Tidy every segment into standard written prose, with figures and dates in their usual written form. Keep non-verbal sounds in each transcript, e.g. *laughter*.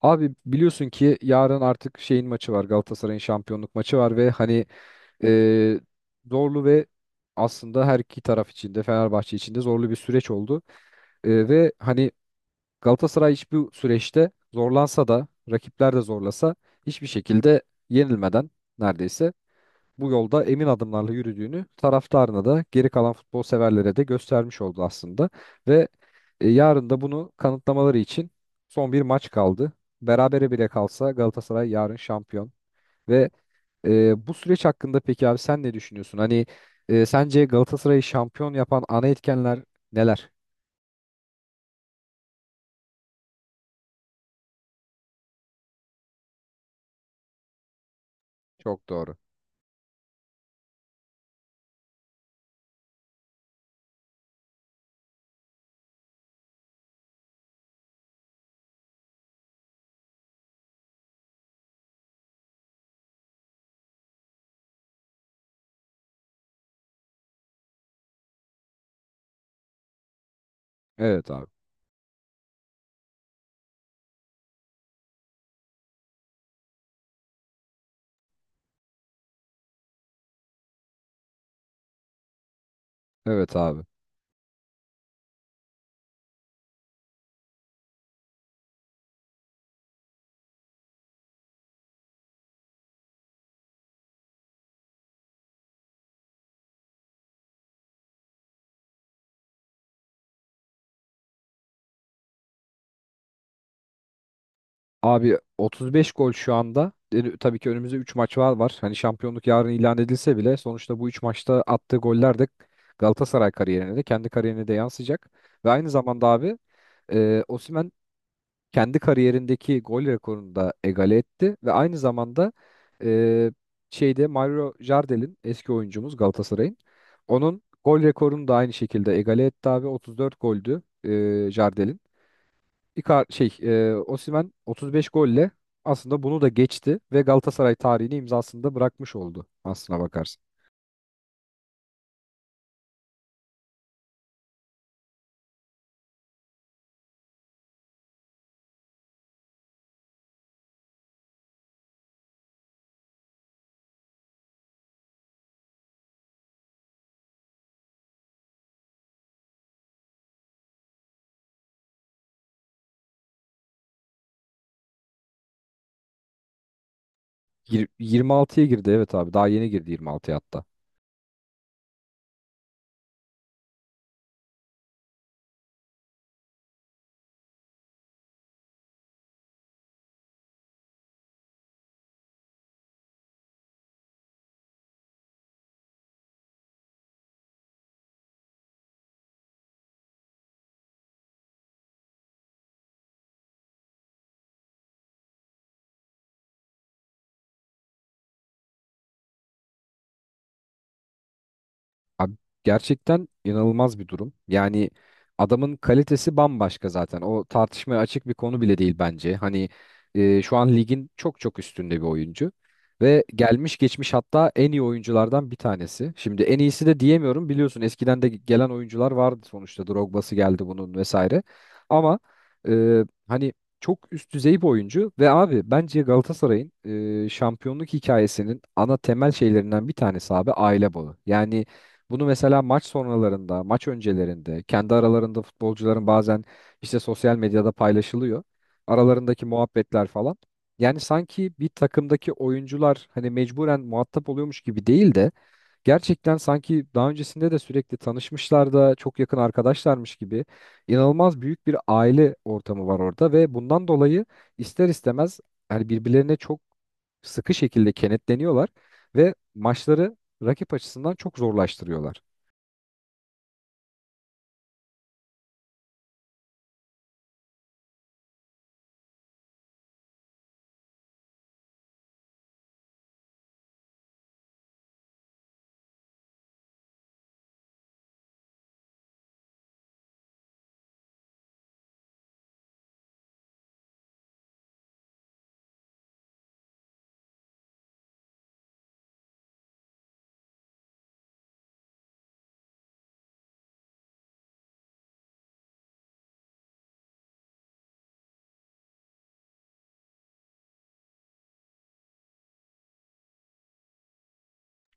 Abi biliyorsun ki yarın artık şeyin maçı var. Galatasaray'ın şampiyonluk maçı var ve hani e, zorlu ve aslında her iki taraf için de Fenerbahçe için de zorlu bir süreç oldu. Ve hani Galatasaray hiçbir süreçte zorlansa da rakipler de zorlasa hiçbir şekilde yenilmeden neredeyse bu yolda emin adımlarla yürüdüğünü taraftarına da geri kalan futbol severlere de göstermiş oldu aslında. Ve Yarın da bunu kanıtlamaları için son bir maç kaldı. Berabere bile kalsa Galatasaray yarın şampiyon. Ve Bu süreç hakkında peki abi sen ne düşünüyorsun? Hani sence Galatasaray'ı şampiyon yapan ana etkenler neler? Çok doğru. Evet abi. Evet abi. Abi 35 gol şu anda. E, tabii ki önümüzde 3 maç var. Hani şampiyonluk yarın ilan edilse bile sonuçta bu 3 maçta attığı goller de Galatasaray kariyerine de kendi kariyerine de yansıyacak. Ve aynı zamanda abi Osimhen kendi kariyerindeki gol rekorunu da egale etti ve aynı zamanda e, şeyde Mario Jardel'in eski oyuncumuz Galatasaray'ın onun gol rekorunu da aynı şekilde egale etti abi 34 goldü Jardel'in. Icar şey Osimhen 35 golle aslında bunu da geçti ve Galatasaray tarihini imzasında bırakmış oldu aslına bakarsın. 26'ya girdi evet abi daha yeni girdi 26'ya hatta. Abi gerçekten inanılmaz bir durum. Yani adamın kalitesi bambaşka zaten. O tartışmaya açık bir konu bile değil bence. Hani şu an ligin çok üstünde bir oyuncu. Ve gelmiş geçmiş hatta en iyi oyunculardan bir tanesi. Şimdi en iyisi de diyemiyorum biliyorsun eskiden de gelen oyuncular vardı sonuçta. Drogba'sı geldi bunun vesaire. Ama hani çok üst düzey bir oyuncu. Ve abi bence Galatasaray'ın şampiyonluk hikayesinin ana temel şeylerinden bir tanesi abi aile bağı. Yani bunu mesela maç sonralarında, maç öncelerinde, kendi aralarında futbolcuların bazen işte sosyal medyada paylaşılıyor. Aralarındaki muhabbetler falan. Yani sanki bir takımdaki oyuncular hani mecburen muhatap oluyormuş gibi değil de gerçekten sanki daha öncesinde de sürekli tanışmışlar da çok yakın arkadaşlarmış gibi inanılmaz büyük bir aile ortamı var orada ve bundan dolayı ister istemez hani birbirlerine çok sıkı şekilde kenetleniyorlar ve maçları rakip açısından çok zorlaştırıyorlar.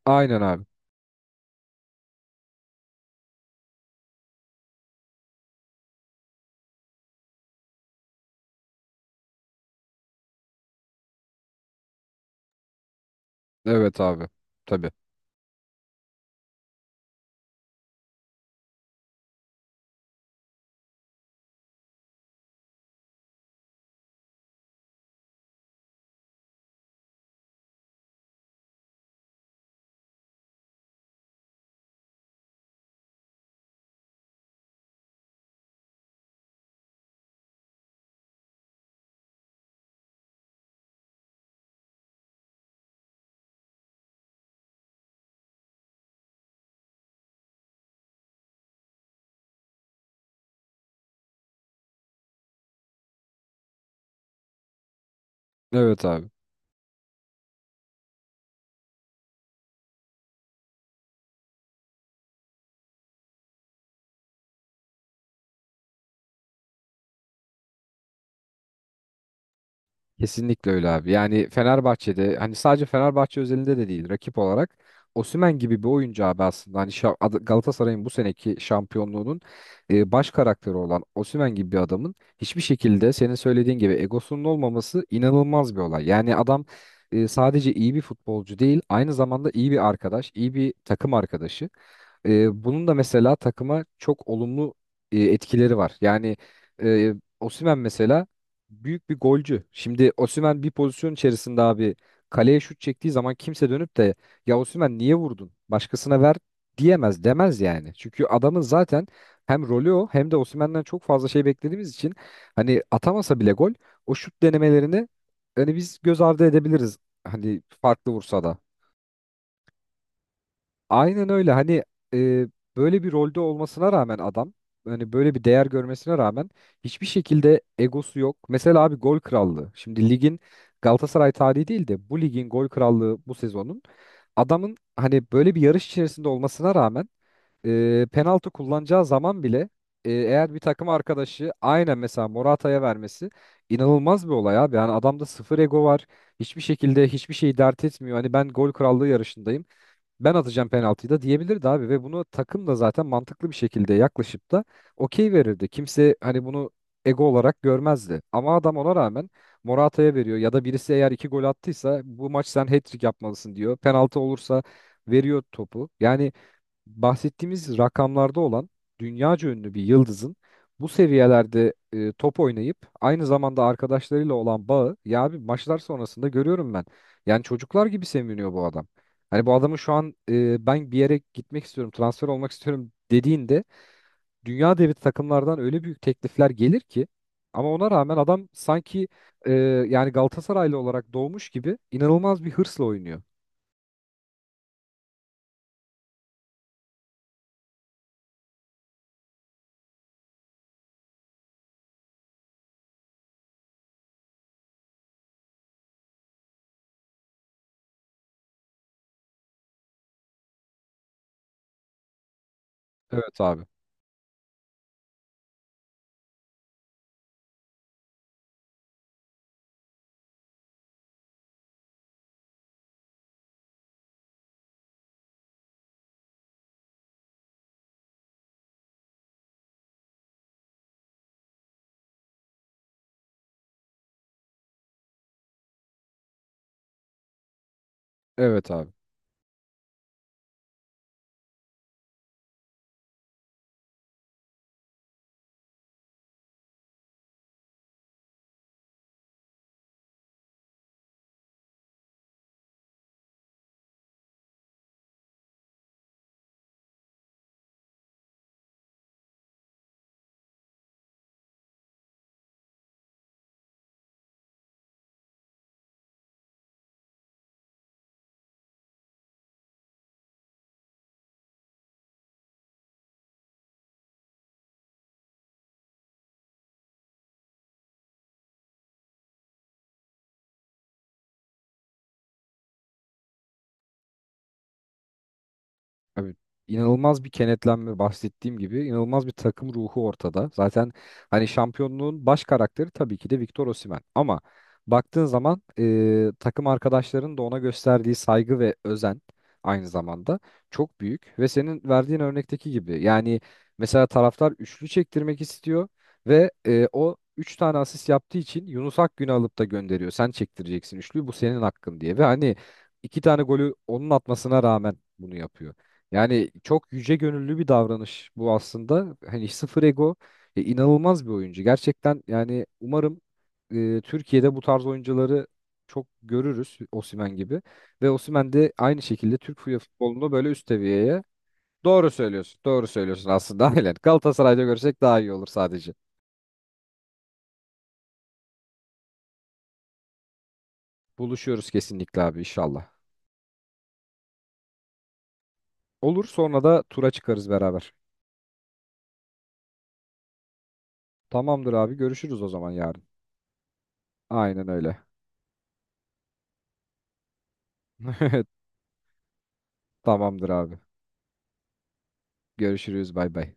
Aynen abi. Evet abi. Tabii. Evet abi. Kesinlikle öyle abi. Yani Fenerbahçe'de hani sadece Fenerbahçe özelinde de değil rakip olarak Osimhen gibi bir oyuncu abi aslında hani Galatasaray'ın bu seneki şampiyonluğunun baş karakteri olan Osimhen gibi bir adamın hiçbir şekilde senin söylediğin gibi egosunun olmaması inanılmaz bir olay. Yani adam sadece iyi bir futbolcu değil aynı zamanda iyi bir arkadaş, iyi bir takım arkadaşı. Bunun da mesela takıma çok olumlu etkileri var. Yani e, Osimhen mesela büyük bir golcü. Şimdi Osimhen bir pozisyon içerisinde abi kaleye şut çektiği zaman kimse dönüp de ya Osimhen niye vurdun? Başkasına ver diyemez, demez yani. Çünkü adamın zaten hem rolü o hem de Osimhen'den çok fazla şey beklediğimiz için hani atamasa bile gol o şut denemelerini hani biz göz ardı edebiliriz. Hani farklı vursa da. Aynen öyle. Hani e, böyle bir rolde olmasına rağmen adam hani böyle bir değer görmesine rağmen hiçbir şekilde egosu yok. Mesela abi gol krallığı. Şimdi ligin Galatasaray tarihi değil de bu ligin gol krallığı bu sezonun adamın hani böyle bir yarış içerisinde olmasına rağmen penaltı kullanacağı zaman bile eğer bir takım arkadaşı aynen mesela Morata'ya vermesi inanılmaz bir olay abi. Yani adamda sıfır ego var. Hiçbir şekilde hiçbir şeyi dert etmiyor. Hani ben gol krallığı yarışındayım ben atacağım penaltıyı da diyebilirdi abi ve bunu takım da zaten mantıklı bir şekilde yaklaşıp da okey verirdi. Kimse hani bunu ego olarak görmezdi. Ama adam ona rağmen Morata'ya veriyor ya da birisi eğer iki gol attıysa bu maç sen hat-trick yapmalısın diyor. Penaltı olursa veriyor topu. Yani bahsettiğimiz rakamlarda olan dünyaca ünlü bir yıldızın bu seviyelerde top oynayıp aynı zamanda arkadaşlarıyla olan bağı ya abi maçlar sonrasında görüyorum ben. Yani çocuklar gibi seviniyor bu adam. Hani bu adamın şu an ben bir yere gitmek istiyorum, transfer olmak istiyorum dediğinde dünya devi takımlardan öyle büyük teklifler gelir ki ama ona rağmen adam sanki e, yani Galatasaraylı olarak doğmuş gibi inanılmaz bir hırsla oynuyor. Evet abi. Evet abi. Abi inanılmaz bir kenetlenme bahsettiğim gibi inanılmaz bir takım ruhu ortada. Zaten hani şampiyonluğun baş karakteri tabii ki de Victor Osimhen. Ama baktığın zaman takım arkadaşlarının da ona gösterdiği saygı ve özen aynı zamanda çok büyük. Ve senin verdiğin örnekteki gibi yani mesela taraftar üçlü çektirmek istiyor ve o üç tane asist yaptığı için Yunus Akgün'ü alıp da gönderiyor. Sen çektireceksin üçlüyü bu senin hakkın diye. Ve hani iki tane golü onun atmasına rağmen bunu yapıyor. Yani çok yüce gönüllü bir davranış bu aslında. Hani sıfır ego inanılmaz bir oyuncu. Gerçekten yani umarım Türkiye'de bu tarz oyuncuları çok görürüz Osimhen gibi. Ve Osimhen de aynı şekilde Türk futbolunu böyle üst seviyeye. Doğru söylüyorsun. Doğru söylüyorsun aslında. *laughs* Aynen. Galatasaray'da görsek daha iyi olur sadece. Buluşuyoruz kesinlikle abi inşallah. Olur sonra da tura çıkarız beraber. Tamamdır abi görüşürüz o zaman yarın. Aynen öyle. *laughs* Tamamdır abi. Görüşürüz bay bay.